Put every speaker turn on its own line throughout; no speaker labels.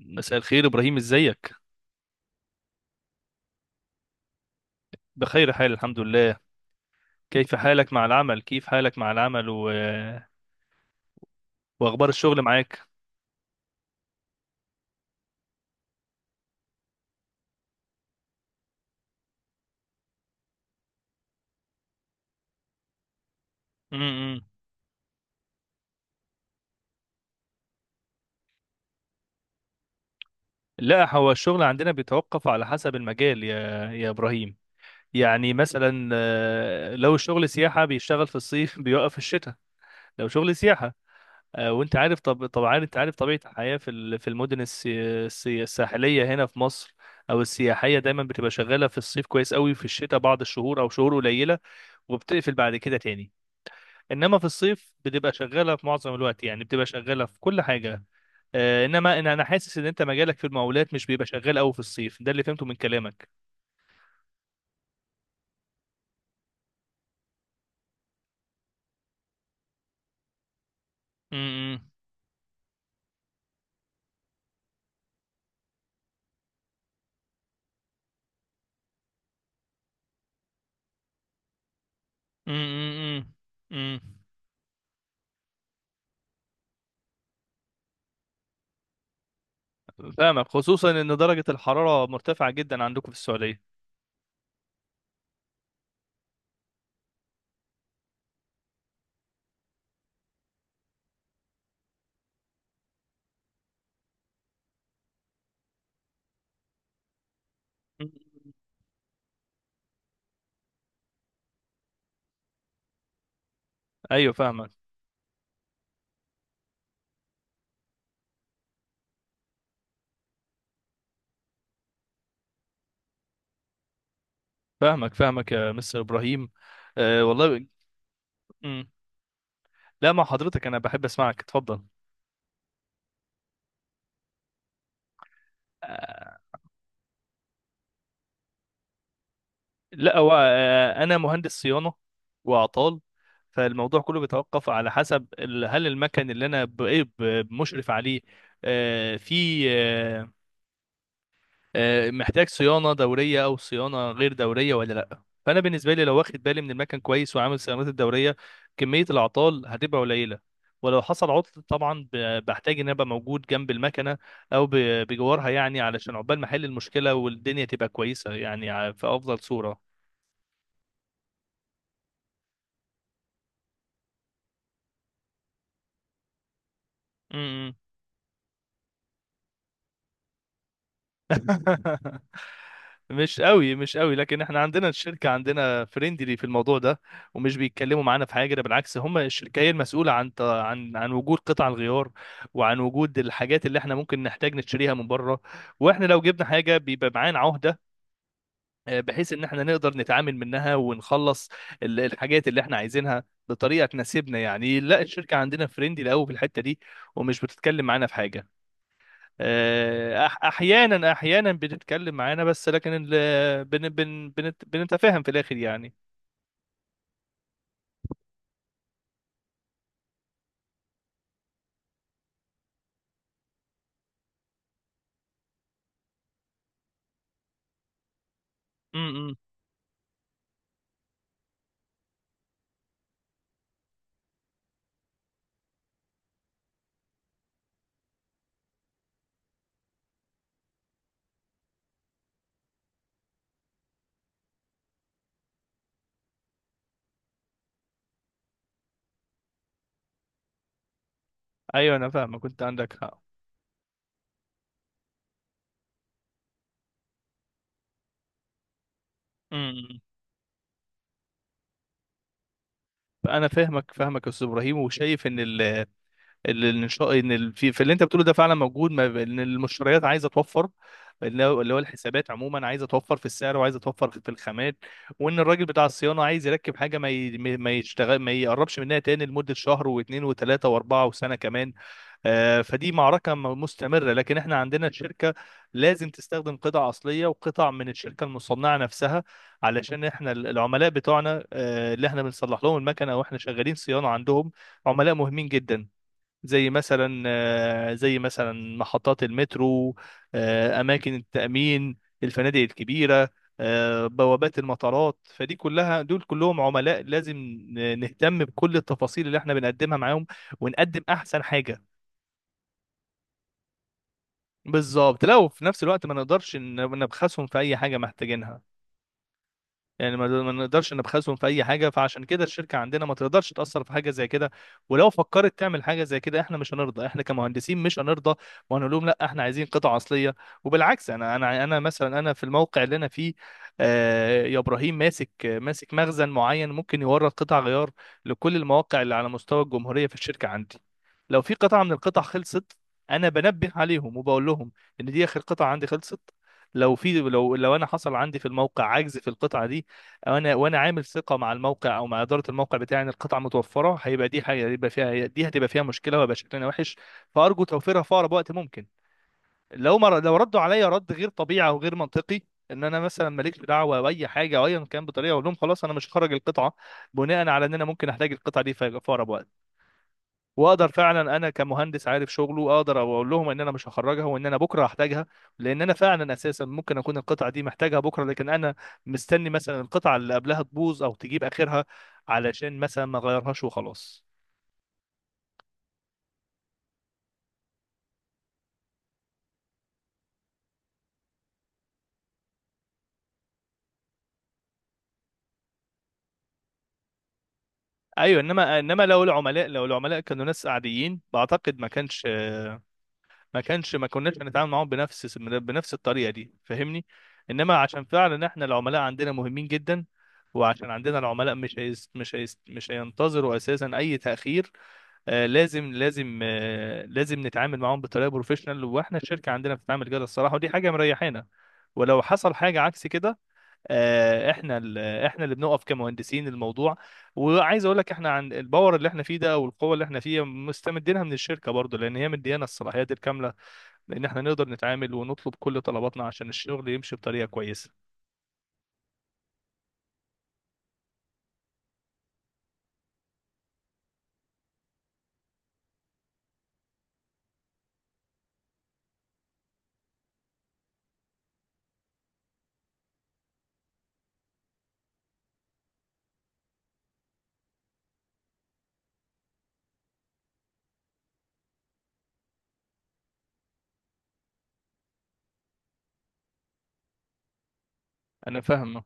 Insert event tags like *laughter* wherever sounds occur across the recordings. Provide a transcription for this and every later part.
مساء الخير إبراهيم، إزيك؟ بخير حال، الحمد لله. كيف حالك مع العمل؟ وأخبار الشغل معاك؟ م-م. لا، هو الشغل عندنا بيتوقف على حسب المجال يا إبراهيم. يعني مثلا لو الشغل سياحة بيشتغل في الصيف *laughs* بيوقف في الشتاء. لو شغل سياحة، وانت عارف، طبعا انت عارف طبيعة الحياة في في المدن الساحلية هنا في مصر، او السياحية دايما بتبقى شغالة في الصيف كويس قوي، في الشتاء بعض الشهور او شهور قليلة، وبتقفل بعد كده تاني. انما في الصيف بتبقى شغاله في معظم الوقت، يعني بتبقى شغاله في كل حاجه. انما أنا حاسس ان انت مجالك في المقاولات مش بيبقى شغال قوي في الصيف، ده اللي فهمته من كلامك. امم. امم. امم. فاهمك، خصوصا ان درجه الحراره مرتفعه جدا عندكم في السعوديه. مم. ايوه، فاهمك. فاهمك فاهمك يا مستر ابراهيم. أه والله. امم. لا، مع حضرتك انا بحب اسمعك، اتفضل. لا، هو انا مهندس صيانه واعطال. فالموضوع كله بيتوقف على حسب هل المكن اللي انا مشرف عليه. في محتاج صيانه دوريه او صيانه غير دوريه ولا لا، فانا بالنسبه لي لو واخد بالي من المكن كويس وعامل صيانات الدوريه، كميه الاعطال هتبقى قليله. ولو حصل عطل، طبعا بحتاج ان أنا ابقى موجود جنب المكنه او بجوارها، يعني علشان عقبال ما احل المشكله والدنيا تبقى كويسه، يعني في افضل صوره. *laughs* مش قوي مش قوي، لكن احنا عندنا الشركه عندنا فريندلي في الموضوع ده، ومش بيتكلموا معانا في حاجه، ده بالعكس، هم الشركه هي المسؤوله عن وجود قطع الغيار، وعن وجود الحاجات اللي احنا ممكن نحتاج نشتريها من بره. واحنا لو جبنا حاجه بيبقى معانا عهده، بحيث ان احنا نقدر نتعامل منها ونخلص الحاجات اللي احنا عايزينها بطريقه تناسبنا. يعني لا، الشركه عندنا فريندلي قوي في الحته دي، ومش بتتكلم معانا في حاجه. احيانا بتتكلم معانا بس، لكن ال... بن... بن... بنت... بنتفاهم في الاخر يعني. امم. ايوه، انا فاهمك، كنت عندك حق. امم. انا فاهمك فاهمك يا استاذ ابراهيم، وشايف ان في اللي انت بتقوله ده فعلا موجود، ما ب- ان المشتريات عايزه توفر، اللي هو الحسابات عموما عايزه توفر في السعر وعايزه توفر في الخامات، وان الراجل بتاع الصيانه عايز يركب حاجه ما يشتغل، ما يقربش منها تاني لمده شهر واثنين وثلاثه واربعه وسنه كمان. فدي معركة مستمرة، لكن احنا عندنا الشركة لازم تستخدم قطع أصلية وقطع من الشركة المصنعة نفسها، علشان احنا العملاء بتوعنا اللي احنا بنصلح لهم المكنة، واحنا شغالين صيانة عندهم، عملاء مهمين جدا. زي مثلا محطات المترو، اماكن التامين، الفنادق الكبيره، بوابات المطارات. فدي كلها، دول كلهم عملاء، لازم نهتم بكل التفاصيل اللي احنا بنقدمها معاهم، ونقدم احسن حاجه. بالظبط. لو في نفس الوقت ما نقدرش نبخسهم في اي حاجه محتاجينها، يعني ما نقدرش نبخسهم في اي حاجه، فعشان كده الشركه عندنا ما تقدرش تاثر في حاجه زي كده. ولو فكرت تعمل حاجه زي كده، احنا مش هنرضى، احنا كمهندسين مش هنرضى، وهنقول لهم لا، احنا عايزين قطع اصليه. وبالعكس، انا مثلا، انا في الموقع اللي انا فيه يا ابراهيم، ماسك ماسك مخزن معين، ممكن يورد قطع غيار لكل المواقع اللي على مستوى الجمهوريه في الشركه عندي. لو في قطعه من القطع خلصت، انا بنبه عليهم وبقول لهم ان دي اخر قطعه عندي خلصت. لو انا حصل عندي في الموقع عجز في القطعه دي، وانا عامل ثقه مع الموقع او مع اداره الموقع بتاعي ان القطعه متوفره، هيبقى دي حاجه هيبقى فيها دي هتبقى فيها مشكله وهيبقى شكلنا وحش، فارجو توفيرها في اقرب وقت ممكن. لو ردوا عليا رد غير طبيعي او غير منطقي، ان انا مثلا ماليش دعوه باي حاجه او ايا كان، بطريقه اقول لهم خلاص انا مش هخرج القطعه، بناء على ان انا ممكن احتاج القطعه دي في اقرب وقت، واقدر فعلا انا كمهندس عارف شغله اقدر اقول لهم ان انا مش هخرجها وان انا بكره هحتاجها. لان انا فعلا اساسا ممكن اكون القطعه دي محتاجها بكره، لكن انا مستني مثلا القطعه اللي قبلها تبوظ او تجيب اخرها علشان مثلا ما اغيرهاش وخلاص. ايوه، انما لو العملاء كانوا ناس عاديين، بعتقد ما كانش ما كناش هنتعامل معاهم بنفس الطريقه دي، فاهمني؟ انما عشان فعلا احنا العملاء عندنا مهمين جدا، وعشان عندنا العملاء مش هينتظروا اساسا اي تاخير. لازم نتعامل معاهم بطريقه بروفيشنال، واحنا الشركه عندنا بتتعامل كده الصراحه، ودي حاجه مريحانا. ولو حصل حاجه عكس كده، احنا اللي بنقف كمهندسين الموضوع. وعايز اقول لك احنا عن الباور اللي احنا فيه ده، او القوه اللي احنا فيها، مستمدينها من الشركه برضو، لان هي مديانا الصلاحيات الكامله، لان احنا نقدر نتعامل ونطلب كل طلباتنا عشان الشغل يمشي بطريقه كويسه. انا فاهمه.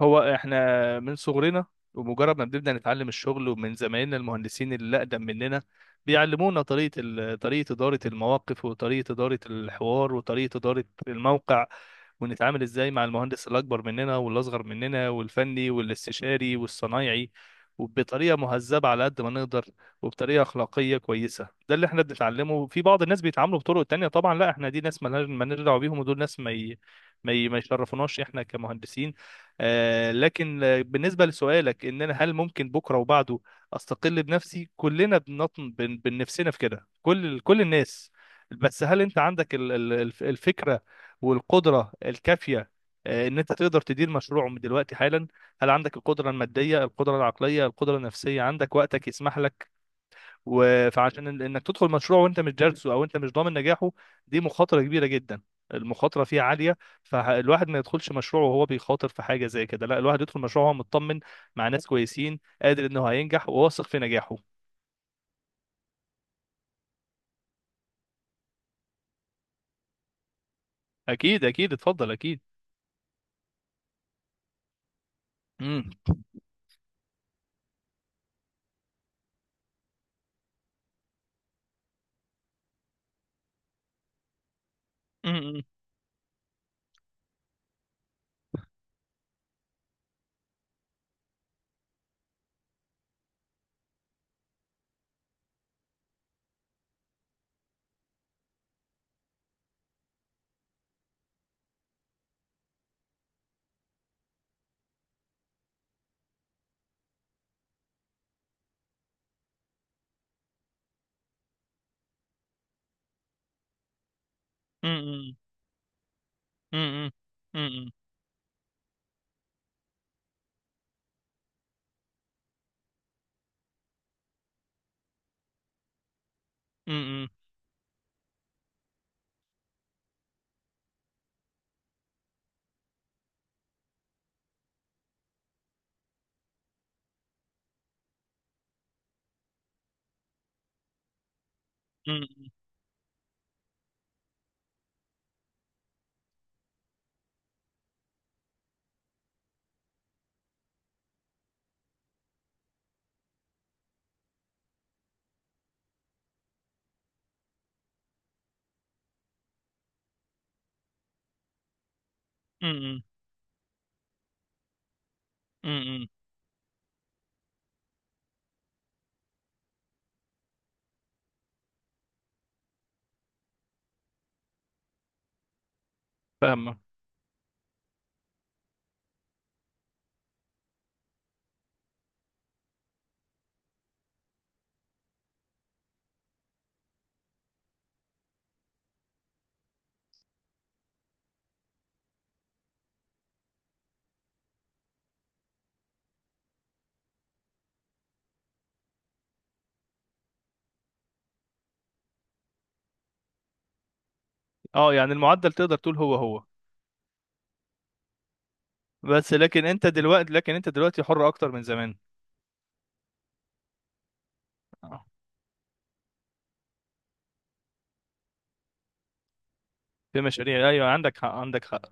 هو احنا من صغرنا، ومجرد ما بنبدأ نتعلم الشغل، ومن زمايلنا المهندسين اللي أقدم مننا، بيعلمونا طريقة إدارة المواقف، وطريقة إدارة الحوار، وطريقة إدارة الموقع، ونتعامل إزاي مع المهندس الأكبر مننا والأصغر مننا والفني والاستشاري والصنايعي، وبطريقة مهذبة على قد ما نقدر، وبطريقة أخلاقية كويسة. ده اللي احنا بنتعلمه. في بعض الناس بيتعاملوا بطرق تانية طبعا، لا احنا دي ناس مالناش دعوة بيهم، ودول ناس ما يشرفوناش احنا كمهندسين. لكن بالنسبة لسؤالك إن أنا هل ممكن بكرة وبعده أستقل بنفسي، كلنا بنطن بنفسنا في كده، كل الناس. بس هل أنت عندك الفكرة والقدرة الكافية، إن أنت تقدر تدير مشروع من دلوقتي حالا؟ هل عندك القدرة المادية، القدرة العقلية، القدرة النفسية، عندك وقتك يسمح لك؟ فعشان انك تدخل مشروع وانت مش دارسه او انت مش ضامن نجاحه، دي مخاطره كبيره جدا، المخاطره فيه عاليه، فالواحد ما يدخلش مشروع وهو بيخاطر في حاجه زي كده. لا، الواحد يدخل مشروع وهو مطمن مع ناس كويسين، قادر انه هينجح وواثق في نجاحه. اكيد اكيد، اتفضل اكيد. امم. امم. امم. امم. امم. امم. امم. امم. فاهمه. اه، يعني المعدل تقدر تقول هو هو. بس لكن انت دلوقتي، حر اكتر من زمان. في مشاريع، ايوه، عندك حق عندك حق.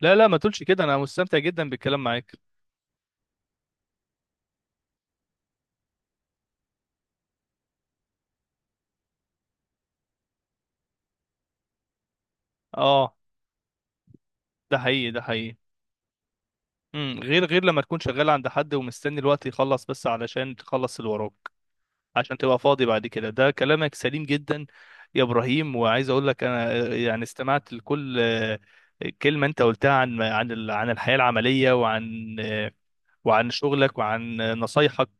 لا لا، ما تقولش كده، انا مستمتع جدا بالكلام معاك. اه، ده حقيقي ده حقيقي. امم. غير لما تكون شغال عند حد ومستني الوقت يخلص بس علشان تخلص اللي وراك عشان تبقى فاضي بعد كده، ده كلامك سليم جدا يا ابراهيم. وعايز اقول لك انا يعني استمعت لكل كلمه انت قلتها عن الحياه العمليه، وعن شغلك وعن نصايحك.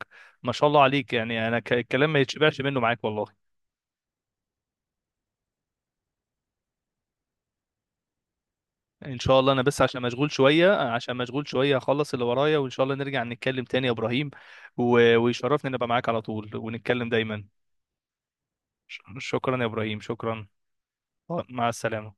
ما شاء الله عليك، يعني انا الكلام ما يتشبعش منه معاك والله. ان شاء الله. انا بس عشان مشغول شويه، هخلص اللي ورايا، وان شاء الله نرجع نتكلم تاني يا ابراهيم. ويشرفني ان ابقى معاك على طول ونتكلم دايما. شكرا يا ابراهيم، شكرا، مع السلامه.